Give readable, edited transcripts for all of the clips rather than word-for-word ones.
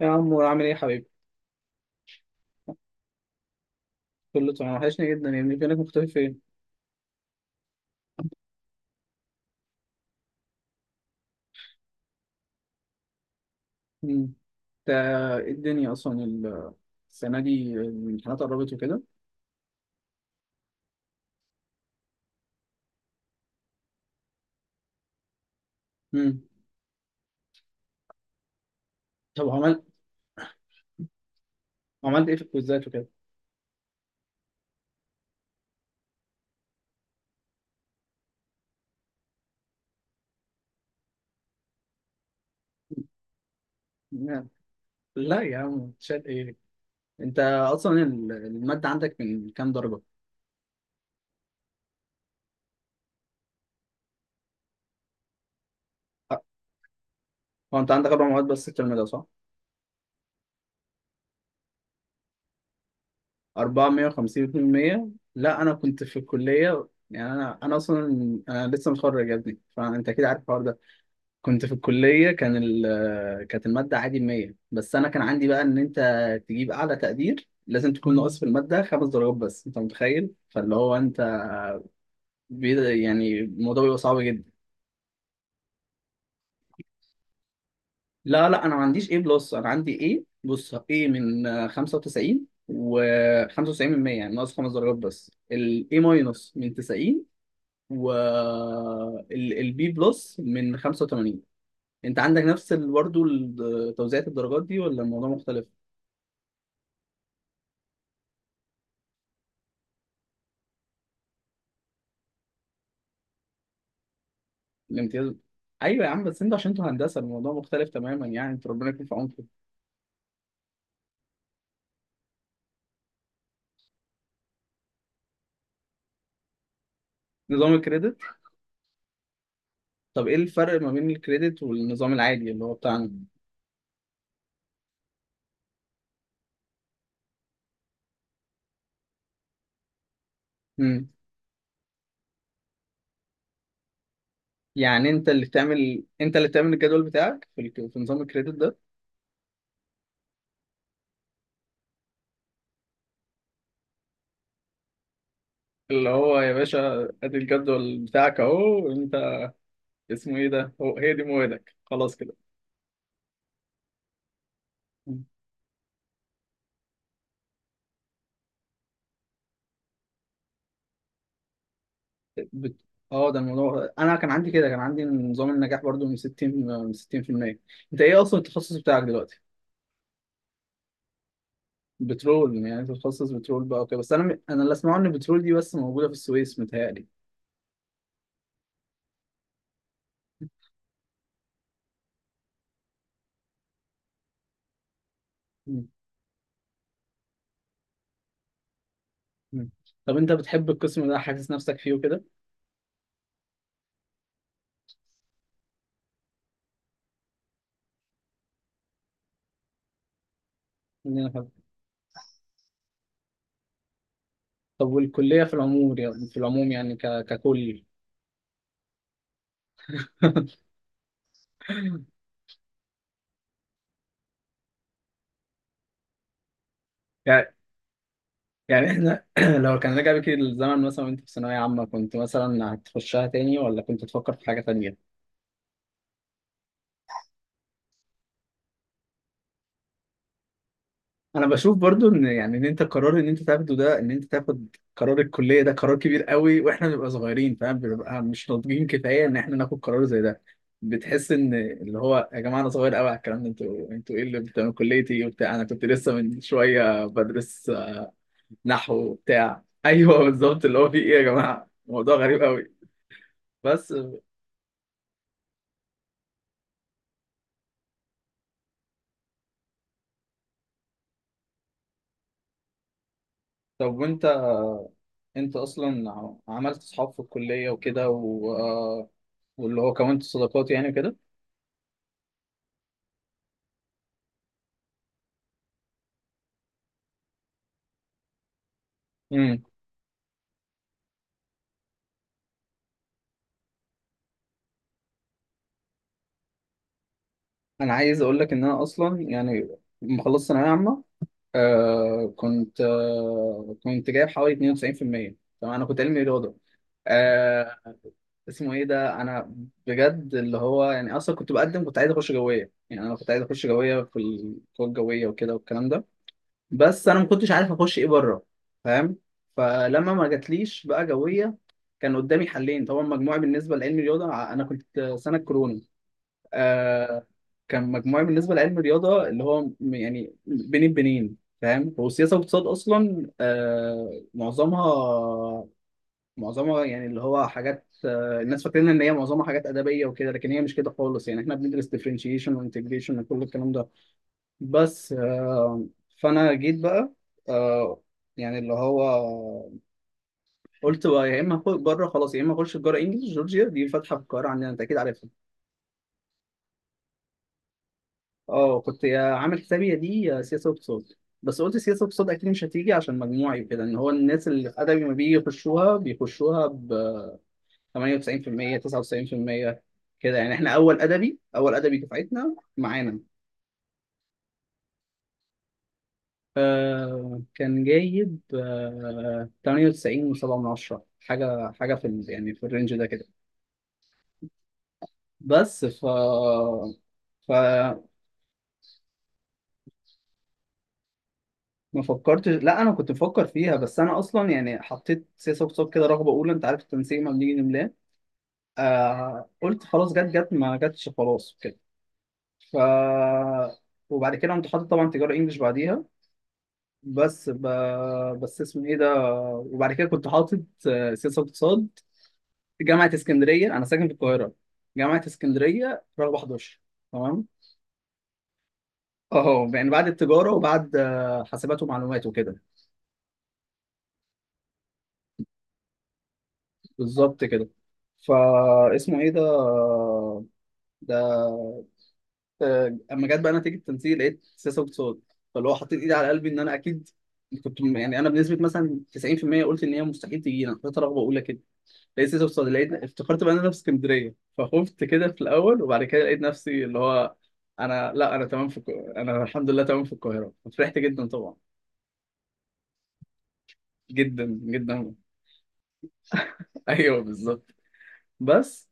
يا عمور، عامل ايه يا حبيبي؟ كله تمام، وحشني جدا يا ابني، فينك مختفي فين؟ مم. انت ايه الدنيا اصلا السنة دي الامتحانات قربت وكده؟ مم. طب عملت عملت ايه في الكويزات وكده؟ لا، لا يا عم، شاد ايه؟ انت اصلا المادة عندك من كام درجة؟ أه، هو انت عندك اربع مواد بس الترم ده صح؟ 450 200، لا انا كنت في الكلية، يعني انا اصلا انا لسه متخرج يا ابني، فانت اكيد عارف الحوار ده. كنت في الكلية، كانت المادة عادي 100، بس أنا كان عندي بقى إن أنت تجيب أعلى تقدير لازم تكون ناقص في المادة خمس درجات بس، أنت متخيل؟ فاللي هو أنت يعني الموضوع بيبقى صعب جدا. لا، لا، أنا ما عنديش A بلس، أنا عندي A، بص A من 95، و 95 من 100 يعني ناقص خمس درجات بس. ال A ماينس من 90، و ال B بلس من 85. أنت عندك نفس برضه توزيعة الدرجات دي، ولا الموضوع مختلف؟ الامتياز، ايوه يا عم، بس انتوا عشان انتوا هندسه الموضوع مختلف تماما، يعني انتوا ربنا يكون في عونكم. نظام الكريدت. طب ايه الفرق ما بين الكريدت والنظام العادي اللي هو بتاعنا؟ امم. يعني انت اللي بتعمل، الجدول بتاعك في نظام الكريدت ده. اللي هو يا باشا ادي الجدول بتاعك اهو، انت اسمه ايه ده، هو هي دي موادك خلاص كده. مم. بت... اه ده الموضوع، انا كان عندي كده، كان عندي نظام النجاح برضو من 60%. انت ايه اصلا التخصص بتاعك دلوقتي؟ بترول؟ يعني انت بتخصص بترول بقى، اوكي، بس انا انا اللي اسمعه ان بترول دي بس موجوده في السويس، متهيألي. مم. مم. طب انت بتحب القسم ده، حاسس نفسك فيه وكده؟ إن أنا حابب. طب والكليه في العموم، يعني في العموم، يعني ككل. يعني احنا لو كان رجع بك الزمن مثلا وانت في ثانويه عامه، كنت مثلا هتخشها تاني ولا كنت تفكر في حاجه تانيه؟ انا بشوف برضو ان يعني ان انت قرار ان انت تاخده ده، ان انت تاخد قرار الكليه ده، قرار كبير قوي، واحنا بنبقى صغيرين فاهم، بنبقى مش ناضجين كفايه ان احنا ناخد قرار زي ده. بتحس ان اللي هو، يا جماعه، انا صغير قوي على الكلام ده، انتوا ايه اللي بتعملوا كليتي وبتاع، انا كنت لسه من شويه بدرس نحو وبتاع. ايوه بالظبط، اللي هو في ايه يا جماعه، موضوع غريب قوي. بس طب وانت، انت اصلا عملت اصحاب في الكليه وكده و... آه، واللي هو كونت صداقات يعني كده. انا عايز اقول لك ان انا اصلا، يعني لما خلصت ثانويه عامه، كنت جايب حوالي 92%. تمام، انا كنت علمي رياضه، آه. اسمه ايه ده، انا بجد اللي هو يعني اصلا كنت بقدم، كنت عايز اخش جويه، يعني انا كنت عايز اخش جويه في القوى الجويه وكده والكلام ده. بس انا ما كنتش عارف اخش ايه بره، فاهم؟ فلما ما جاتليش بقى جويه، كان قدامي حلين طبعا، مجموعي بالنسبه لعلمي رياضه، انا كنت سنه كورونا، آه. كان مجموعي بالنسبه لعلم الرياضه اللي هو يعني بين البنين فاهم، هو سياسه واقتصاد اصلا، معظمها، معظمها يعني اللي هو حاجات، الناس فاكرين ان هي معظمها حاجات ادبيه وكده، لكن هي مش كده خالص، يعني احنا بندرس ديفرنشيشن وانتجريشن وكل الكلام ده. بس فانا جيت بقى، آه يعني اللي هو قلت بقى يا اما اخش بره خلاص، يا اما اخش تجاره انجلش، جورجيا دي فاتحه في القاهره عندنا، انت اكيد عارفها. اه، كنت عامل حسابي دي سياسه واقتصاد، بس قلت سياسه واقتصاد اكيد مش هتيجي عشان مجموعي وكده، ان هو الناس اللي في ادبي ما بيجي يخشوها، بيخشوها ب 98% 99% كده يعني. احنا اول ادبي، اول ادبي دفعتنا معانا، كان جايب 98 و7 من 10، حاجه، حاجه في يعني في الرينج ده كده. بس ف ف ما فكرتش، لا انا كنت بفكر فيها، بس انا اصلا يعني حطيت سياسه اقتصاد كده رغبه اولى، انت عارف التنسيق ما بنيجي نملاه، آه. قلت خلاص، جت جت ما جتش، خلاص كده. ف وبعد كده كنت حاطط طبعا تجاره انجلش بعديها، بس ب... بس اسمه ايه ده، وبعد كده كنت حاطط آه، سياسه اقتصاد جامعه اسكندريه، انا ساكن في القاهره، جامعه اسكندريه رغبه 11. تمام. اه، يعني بعد التجاره وبعد آه، حاسبات ومعلومات وكده. بالظبط كده. فاسمه ايه ده، ده، اما جت بقى نتيجه التنسيق، لقيت سياسه واقتصاد، فاللي هو حطيت ايدي على قلبي ان انا اكيد كنت يعني انا بنسبه مثلا 90% قلت ان هي مستحيل تجينا، كنت رغبه اولى كده. لقيت سياسه واقتصاد، لقيت، افتكرت بقى ان انا في اسكندريه، فخفت كده في الاول، وبعد كده لقيت نفسي اللي هو، انا، لا، انا تمام في انا الحمد لله تمام في القاهره، فرحت جدا طبعا، جدا جدا. ايوه بالظبط. بس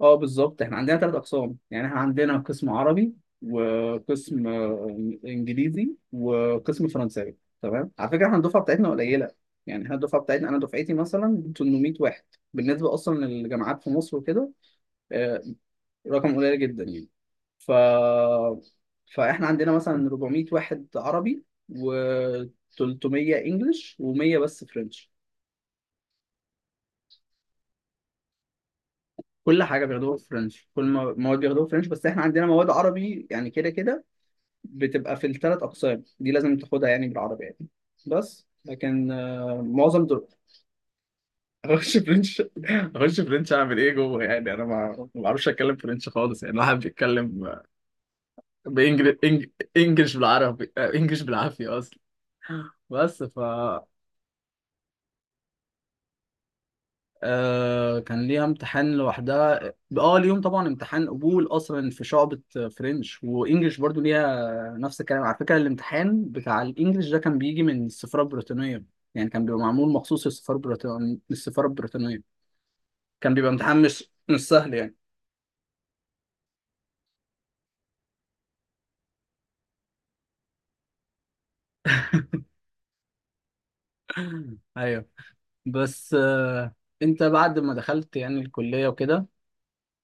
اه، بالظبط، احنا عندنا ثلاث اقسام يعني، احنا عندنا قسم عربي، وقسم آه، انجليزي، وقسم فرنساوي. تمام، على فكره احنا الدفعه بتاعتنا قليله، يعني احنا الدفعه بتاعتنا انا دفعتي مثلا 800 واحد، بالنسبه اصلا للجامعات في مصر وكده. آه، رقم قليل جدا يعني. ف فاحنا عندنا مثلا 400 واحد عربي، و300 انجلش، و100 بس فرنش. كل حاجه بياخدوها فرنش، كل ما مواد بياخدوها فرنش، بس احنا عندنا مواد عربي يعني كده كده، بتبقى في الثلاث اقسام دي لازم تاخدها، يعني بالعربي يعني، بس. لكن آه، معظم دول، اخش فرنش، اخش فرنش اعمل ايه جوه، يعني انا ما بعرفش اتكلم فرنش خالص، يعني الواحد بيتكلم بانجلش بالعربي، آه، انجلش بالعافيه اصلا. بس ف، كان ليها امتحان لوحدها. اه، ليهم طبعا امتحان قبول اصلا في شعبة فرنش وانجلش، برضو ليها نفس الكلام. على فكرة الامتحان بتاع الانجليش ده كان بيجي من السفارة البريطانية، يعني كان بيبقى معمول مخصوص للسفارة البريطانية، للسفارة البريطانية. كان بيبقى امتحان مش سهل يعني. ايوه. بس آه، انت بعد ما دخلت يعني الكلية وكده،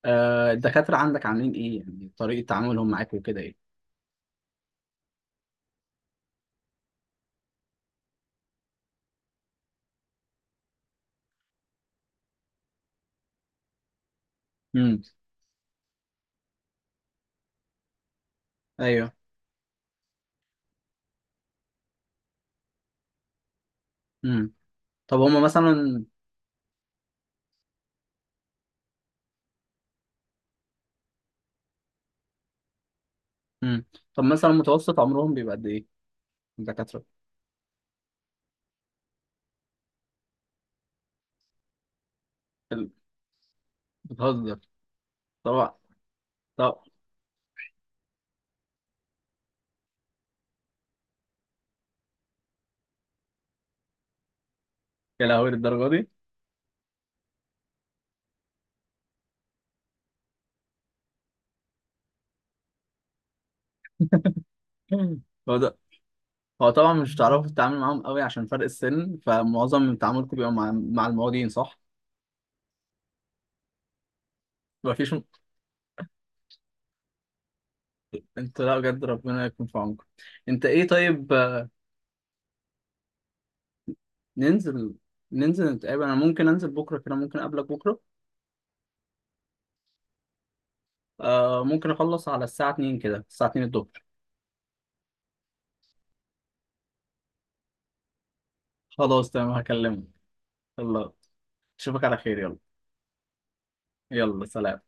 آه، الدكاترة عندك عاملين ايه يعني، طريقة تعاملهم معاك وكده ايه؟ امم. ايوه. امم. طب هما مثلا. مم. طب مثلا متوسط عمرهم بيبقى قد ايه، الدكاترة؟ ال- بتهزر طبعا؟ طب. يا لهوي للدرجة دي. مم. هو ده. هو طبعا مش هتعرفوا تتعامل معاهم قوي عشان فرق السن، فمعظم من تعاملكم بيبقى مع المواطنين، صح؟ مفيش انت، لا بجد ربنا يكون في عونكم. انت ايه طيب، آه، ننزل ننزل نتقابل، انا ممكن انزل بكره كده، ممكن اقابلك بكره. آه ممكن اخلص على الساعه 2 كده، الساعه 2 الظهر. خلاص تمام، هكلمك. يلا. اشوفك على خير، يلا. يلا سلام.